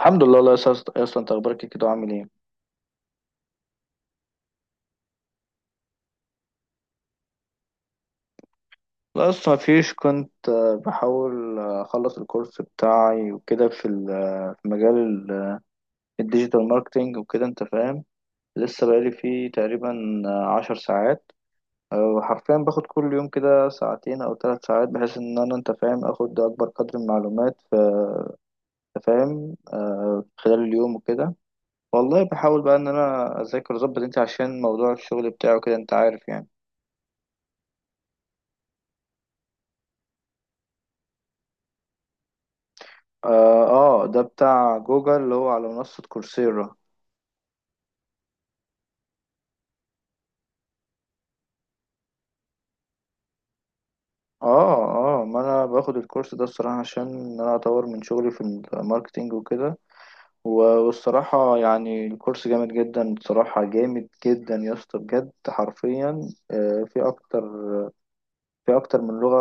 الحمد لله، الله يسعدك يا اسطى. انت اخبارك إيه كده وعامل ايه؟ لا اصلا مفيش، كنت بحاول اخلص الكورس بتاعي وكده في في مجال الديجيتال ماركتينج وكده، انت فاهم. لسه بقالي فيه تقريبا 10 ساعات. حرفيا باخد كل يوم كده ساعتين او 3 ساعات، بحيث ان انا، انت فاهم، اخد اكبر قدر من المعلومات في، أنت فاهم، خلال اليوم وكده. والله بحاول بقى ان انا اذاكر واظبط، انت عشان موضوع الشغل بتاعه كده، انت عارف يعني. اه، ده بتاع جوجل اللي هو على منصة كورسيرا. اه اه، ما انا باخد الكورس ده الصراحة عشان انا اطور من شغلي في الماركتينج وكده. والصراحة يعني الكورس جامد جدا، بصراحة جامد جدا يا اسطى بجد. حرفيا في اكتر من لغة،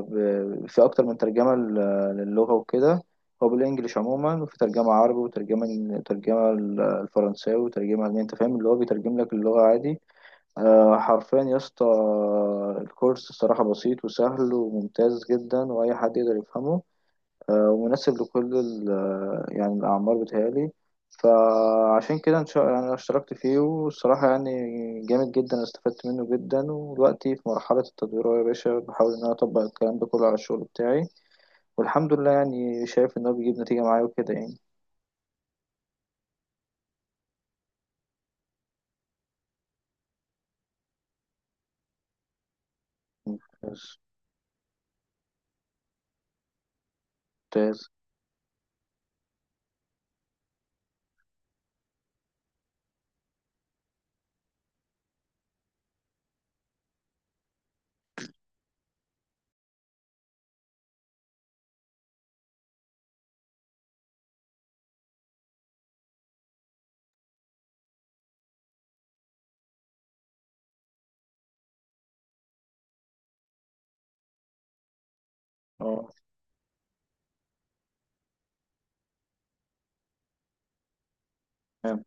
في اكتر من ترجمة للغة وكده. هو بالانجلش عموما، وفي ترجمة عربي، وترجمة ترجمة الفرنساوي، وترجمة ألماني. انت فاهم، اللي هو بيترجم لك اللغة عادي. حرفيا يا اسطى، الكورس الصراحة بسيط وسهل وممتاز جدا، وأي حد يقدر يفهمه. ومناسب لكل يعني الأعمار بتهيألي. فعشان كده إن شاء، يعني أنا اشتركت فيه، والصراحة يعني جامد جدا، استفدت منه جدا. ودلوقتي في مرحلة التدوير أهو يا باشا، بحاول إن أنا أطبق الكلام ده كله على الشغل بتاعي. والحمد لله يعني شايف إن هو بيجيب نتيجة معايا وكده يعني. ممتاز ممتاز. اه، تمام.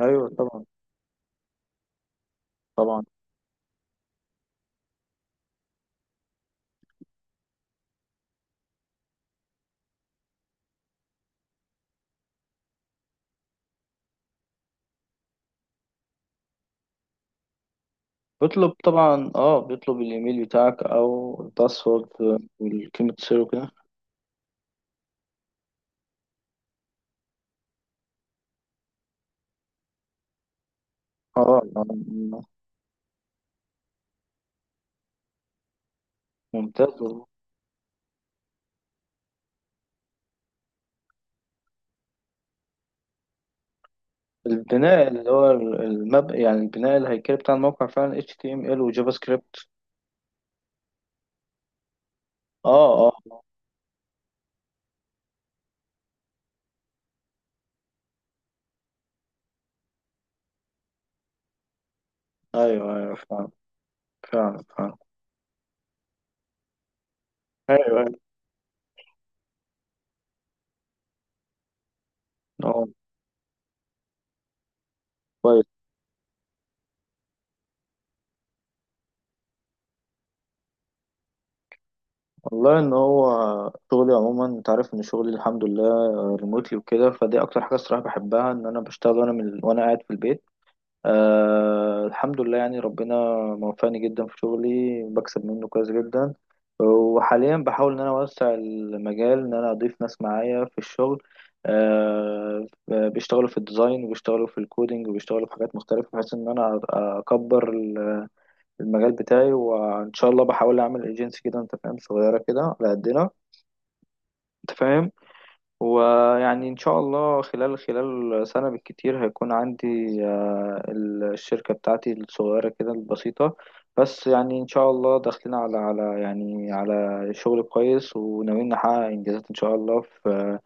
أيوه طبعا، طبعا. بيطلب طبعا، اه، بيطلب الايميل بتاعك او الباسورد والكلمة سر وكده. اه، ممتاز والله. البناء اللي هو يعني البناء الهيكلي بتاع الموقع فعلا HTML وجافا سكريبت. اه اه، ايوه ايوه، فعلا فعلا فعلا. ايوه ايوه، اه، كويس. والله ان هو شغلي عموما، انت عارف، ان شغلي الحمد لله ريموتلي وكده، فدي اكتر حاجه الصراحه بحبها، ان انا بشتغل وانا من وانا قاعد في البيت. أه، الحمد لله، يعني ربنا موفقني جدا في شغلي، بكسب منه كويس جدا. وحاليا بحاول ان انا اوسع المجال، ان انا اضيف ناس معايا في الشغل. أه، بيشتغلوا في الديزاين، وبيشتغلوا في الكودينج، وبيشتغلوا في حاجات مختلفة، بحيث ان انا اكبر المجال بتاعي. وان شاء الله بحاول اعمل ايجنسي كده، انت فاهم، صغيرة كده على قدنا، انت فاهم. ويعني إن شاء الله خلال سنة بالكتير هيكون عندي الشركة بتاعتي الصغيرة كده البسيطة، بس يعني إن شاء الله داخلين على يعني على شغل كويس، وناويين نحقق إنجازات إن شاء الله في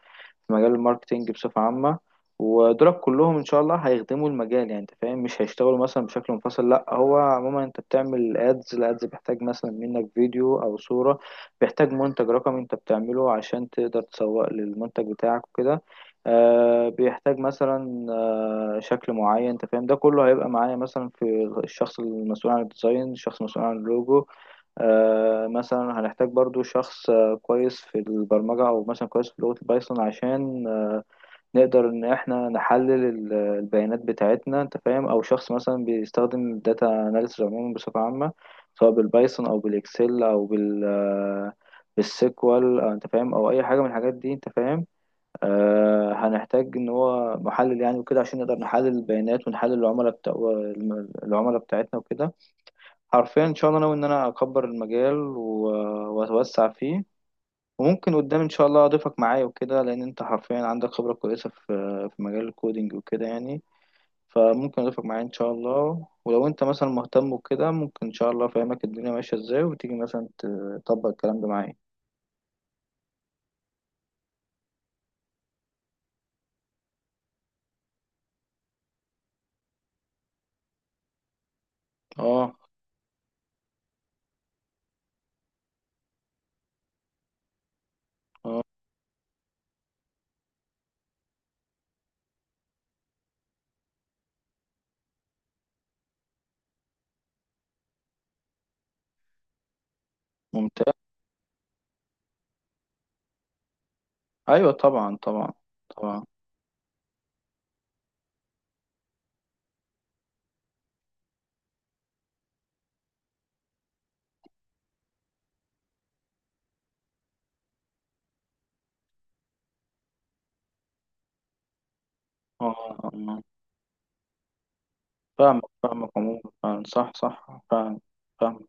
في مجال الماركتينج بصفة عامة. ودولت كلهم إن شاء الله هيخدموا المجال، يعني أنت فاهم، مش هيشتغلوا مثلا بشكل منفصل. لأ، هو عموما أنت بتعمل أدز، الأدز بيحتاج مثلا منك فيديو أو صورة، بيحتاج منتج رقمي أنت بتعمله عشان تقدر تسوق للمنتج بتاعك وكده. بيحتاج مثلا شكل معين، انت فاهم، ده كله هيبقى معايا، مثلا في الشخص المسؤول عن الديزاين، الشخص المسؤول عن اللوجو. مثلا هنحتاج برضو شخص كويس في البرمجة، أو مثلا كويس في لغة البايثون، عشان نقدر إن إحنا نحلل البيانات بتاعتنا، أنت فاهم. أو شخص مثلا بيستخدم الداتا أناليسز عموما بصفة عامة، سواء بالبايثون أو بالإكسل أو بالسيكوال، أنت فاهم، أو أي حاجة من الحاجات دي، أنت فاهم. هنحتاج إن هو محلل يعني وكده، عشان نقدر نحلل البيانات ونحلل العملاء بتاعتنا وكده. حرفيا ان شاء الله ناوي ان انا اكبر المجال واتوسع فيه. وممكن قدام ان شاء الله اضيفك معايا وكده، لان انت حرفيا عندك خبرة كويسة في مجال الكودينج وكده يعني. فممكن اضيفك معايا ان شاء الله، ولو انت مثلا مهتم وكده، ممكن ان شاء الله افهمك الدنيا ماشية ازاي، وتيجي مثلا تطبق الكلام ده معايا. اه اه، ممتاز. ايوه طبعا طبعا طبعا. اه. فاهمك فاهمك عموما، فعلا. صح صح، فعلا. فاهم.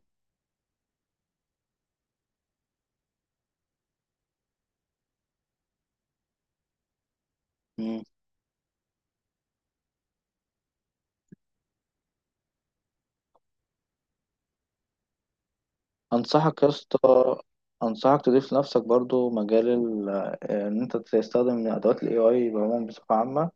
انصحك يا اسطى، انصحك تضيف لنفسك برضو مجال ان انت تستخدم ادوات الاي اي بعموم بصفه عامه.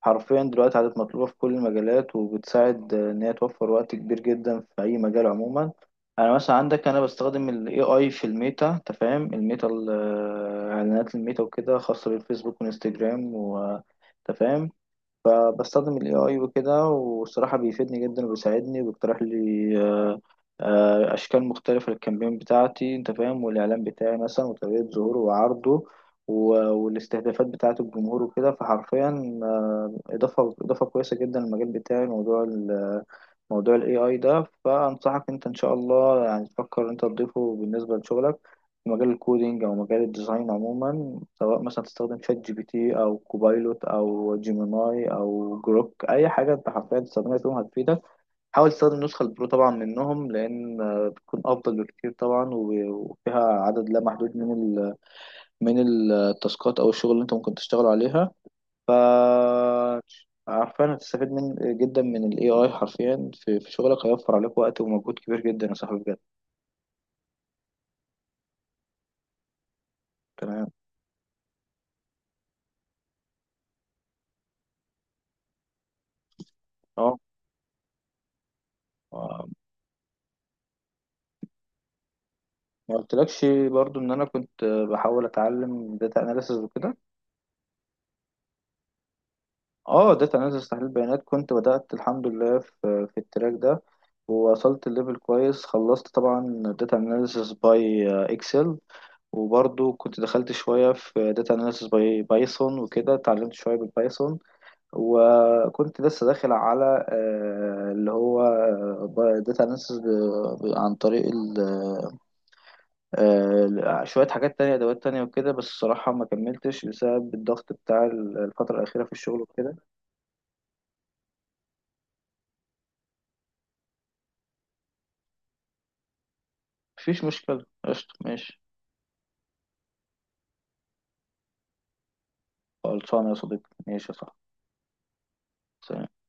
حرفيا دلوقتي عادت مطلوبه في كل المجالات، وبتساعد ان هي توفر وقت كبير جدا في اي مجال عموما. انا مثلا عندك، انا بستخدم الاي اي في الميتا، انت فاهم، الميتا اعلانات الميتا وكده، خاصه بالفيسبوك وانستجرام، انت فاهم. فبستخدم ال AI وكده، والصراحة بيفيدني جدا وبيساعدني، وبيقترح لي أشكال مختلفة للكامبين بتاعتي، أنت فاهم، والإعلان بتاعي مثلا وطريقة ظهوره وعرضه، والاستهدافات بتاعة الجمهور وكده. فحرفيا إضافة كويسة جدا للمجال بتاعي، موضوع ال AI ده. فأنصحك أنت إن شاء الله يعني تفكر أنت تضيفه بالنسبة لشغلك في مجال الكودينج او مجال الديزاين عموما، سواء مثلا تستخدم شات جي بي تي او كوبايلوت او جيميناي او جروك، اي حاجه انت حرفيا تستخدمها فيهم هتفيدك. حاول تستخدم النسخه البرو طبعا منهم، لان بتكون افضل بكتير طبعا، وفيها عدد لا محدود من ال من التاسكات او الشغل اللي انت ممكن تشتغل عليها. ف، عارفين هتستفيد من جدا من الاي اي حرفيا في شغلك، هيوفر عليك وقت ومجهود كبير جدا يا صاحبي بجد. تمام، اه. ما قلتلكش برضو ان انا كنت بحاول اتعلم داتا اناليسز وكده. اه، داتا اناليسز تحليل بيانات، كنت بدأت الحمد لله في التراك ده، ووصلت الليفل كويس. خلصت طبعا داتا اناليسز باي اكسل، وبرضو كنت دخلت شوية في داتا اناليسز باي بايثون وكده، اتعلمت شوية بالبايثون. وكنت لسه داخل على اللي هو داتا اناليسز عن طريق شوية حاجات تانية، أدوات تانية وكده، بس الصراحة ما كملتش بسبب الضغط بتاع الفترة الأخيرة في الشغل وكده. مفيش مشكلة، قشطة، ماشي. خلصانة يا صديقي، ماشي يا صاحبي. سلام.